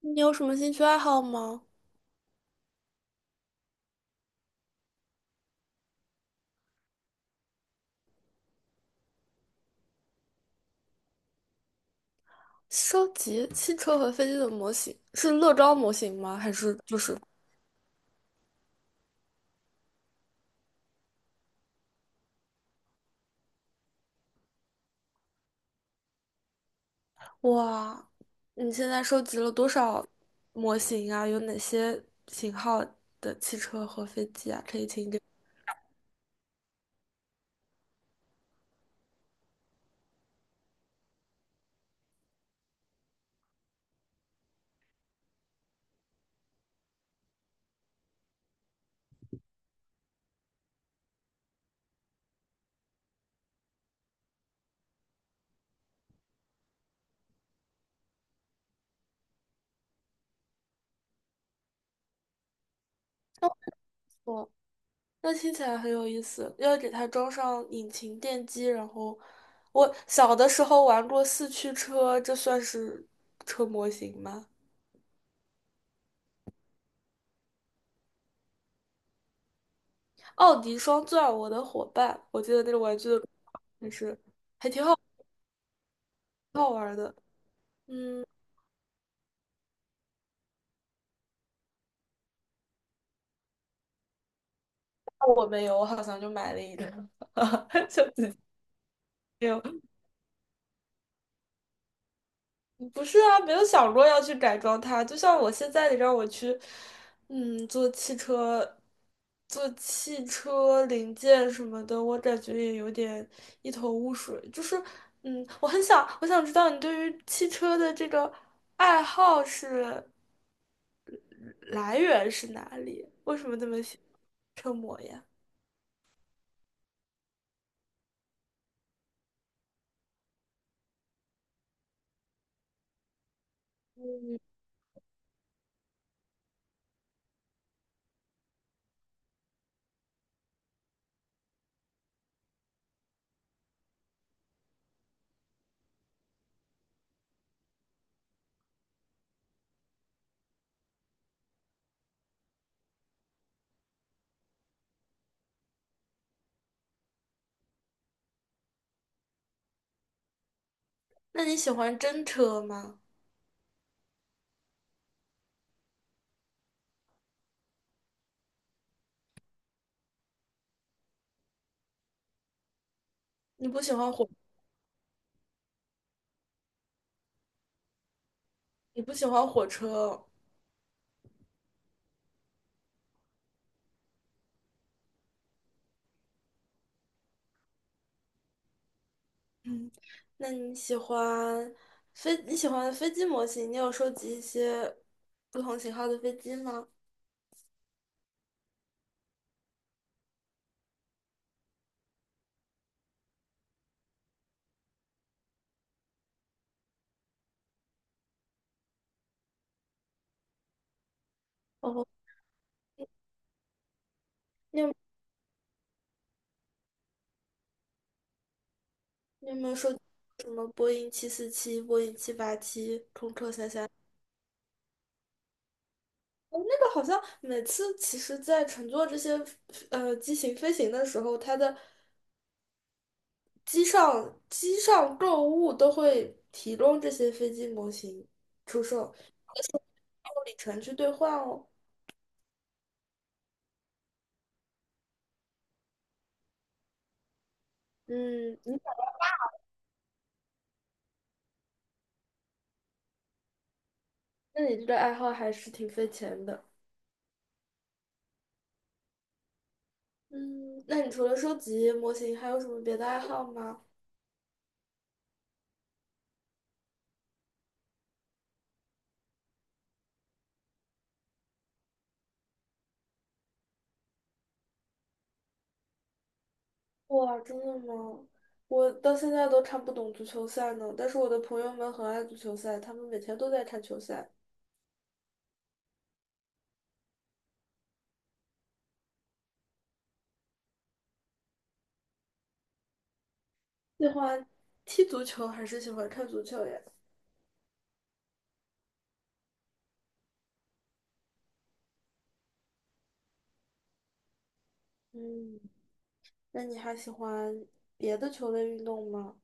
你有什么兴趣爱好吗？收集汽车和飞机的模型，是乐高模型吗？还是就是哇？你现在收集了多少模型啊？有哪些型号的汽车和飞机啊？可以请给我。那听起来很有意思，要给它装上引擎电机，然后我小的时候玩过四驱车，这算是车模型吗？奥迪双钻，我的伙伴，我记得那个玩具的，就是还挺好。好玩的。嗯，我没有，我好像就买了一个，就自己没有。不是啊，没有想过要去改装它。就像我现在，你让我去，做汽车，做汽车零件什么的，我感觉也有点一头雾水。就是，我很想，我想知道你对于汽车的这个爱好是来源是哪里？为什么这么喜欢车模呀？那你喜欢真车吗？你不喜欢火？你不喜欢火车，嗯，那你喜欢飞？你喜欢飞机模型？你有收集一些不同型号的飞机吗？哦，你有你有没有收集什么波音七四七、波音七八七、空客三三？这个好像每次其实，在乘坐这些机型飞行的时候，它的机上购物都会提供这些飞机模型出售，用里程去兑换哦。嗯，那你这个爱好还是挺费钱的。嗯，那你除了收集模型，还有什么别的爱好吗？哇，真的吗？我到现在都看不懂足球赛呢，但是我的朋友们很爱足球赛，他们每天都在看球赛。喜欢踢足球还是喜欢看足球呀？嗯，那你还喜欢别的球类运动吗？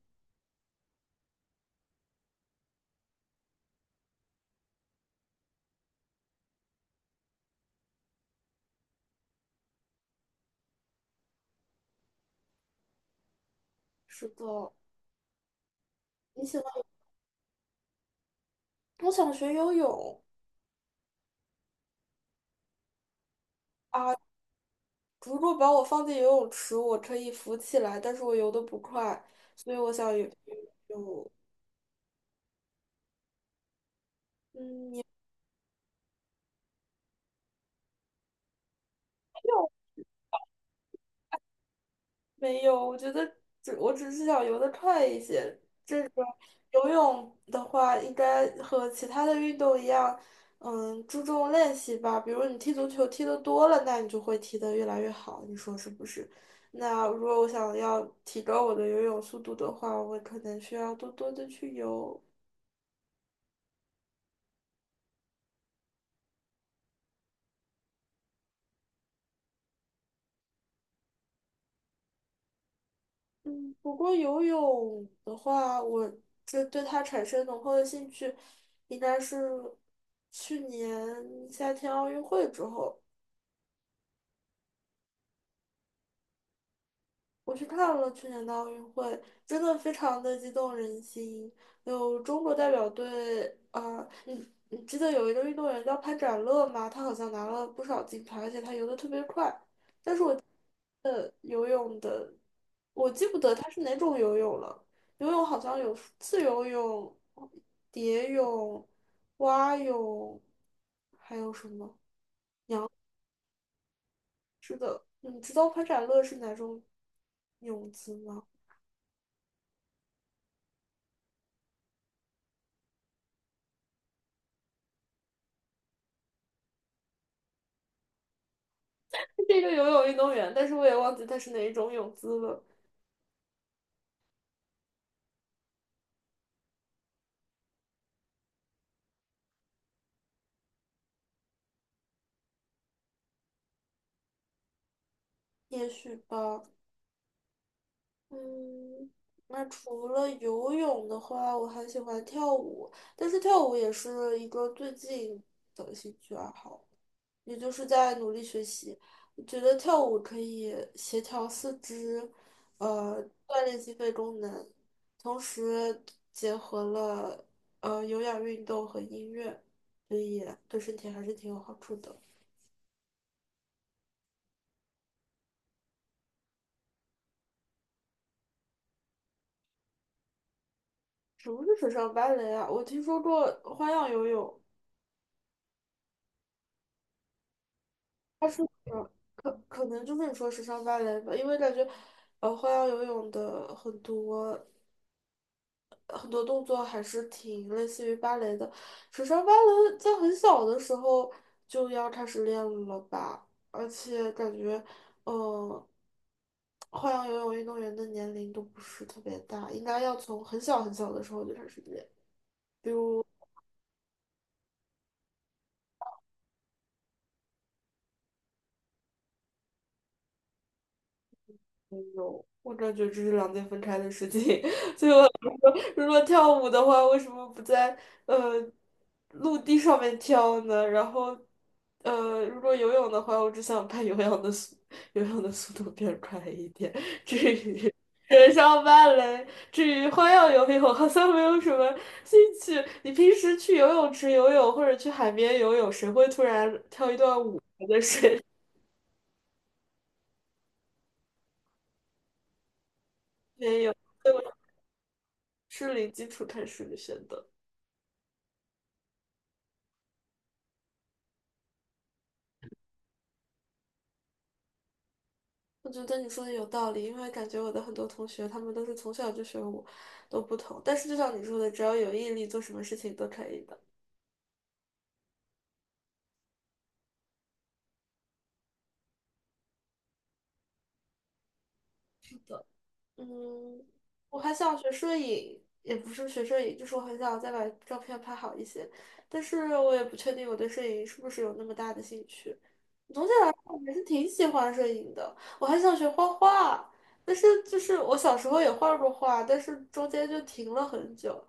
是的，你喜欢？我想学游泳。如果把我放进游泳池，我可以浮起来，但是我游得不快，所以我想游。嗯，也没有，我觉得我只是想游得快一些。游泳的话，应该和其他的运动一样，嗯，注重练习吧。比如你踢足球踢得多了，那你就会踢得越来越好，你说是不是？那如果我想要提高我的游泳速度的话，我可能需要多多的去游。嗯，不过游泳的话，我这对它产生浓厚的兴趣，应该是去年夏天奥运会之后。我去看了去年的奥运会，真的非常的激动人心。有中国代表队，啊，你记得有一个运动员叫潘展乐吗？他好像拿了不少金牌，而且他游的特别快。游泳的，我记不得他是哪种游泳了。游泳好像有自由泳、蝶泳、蛙泳，还有什么？你知道潘展乐是哪种泳姿吗？是一个游泳运动员，但是我也忘记他是哪一种泳姿了。也许吧，嗯，那除了游泳的话，我还喜欢跳舞，但是跳舞也是一个最近的兴趣爱好，也就是在努力学习。我觉得跳舞可以协调四肢，锻炼心肺功能，同时结合了有氧运动和音乐，所以对身体还是挺有好处的。什么是水上芭蕾啊？我听说过花样游泳，它是可能就是你说水上芭蕾吧，因为感觉花样游泳的很多动作还是挺类似于芭蕾的。水上芭蕾在很小的时候就要开始练了吧，而且感觉呃花样游泳运动员的年龄都不是特别大，应该要从很小很小的时候就开始练。我感觉这是两件分开的事情。所以我想说，如果跳舞的话，为什么不在呃陆地上面跳呢？然后，如果游泳的话，我只想把游泳的速度变快一点。至于人上芭蕾，至于花样游泳，我好像没有什么兴趣。你平时去游泳池游泳或者去海边游泳，谁会突然跳一段舞在水里面游 所是零基础开始学的选择。我觉得你说的有道理，因为感觉我的很多同学，他们都是从小就学舞，都不同。但是就像你说的，只要有毅力，做什么事情都可以的。嗯，我还想学摄影，也不是学摄影，就是我很想再把照片拍好一些，但是我也不确定我对摄影是不是有那么大的兴趣。总体来说，我还是挺喜欢摄影的。我还想学画画，但是就是我小时候也画过画，但是中间就停了很久，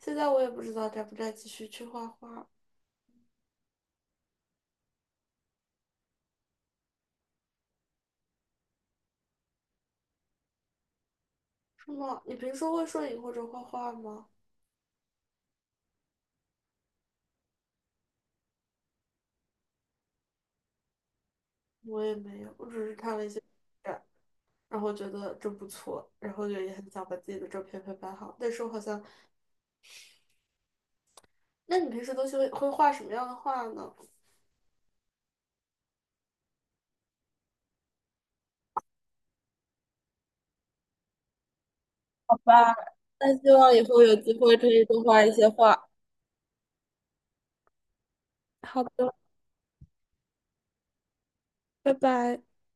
现在我也不知道该不该继续去画画。是吗？你平时会摄影或者画画吗？我也没有，我只是看了一些展，然后觉得这不错，然后就也很想把自己的照片拍好。但是我好像，那你平时都是会画什么样的画呢？那希望以后有机会可以多画一些画。好的，拜拜。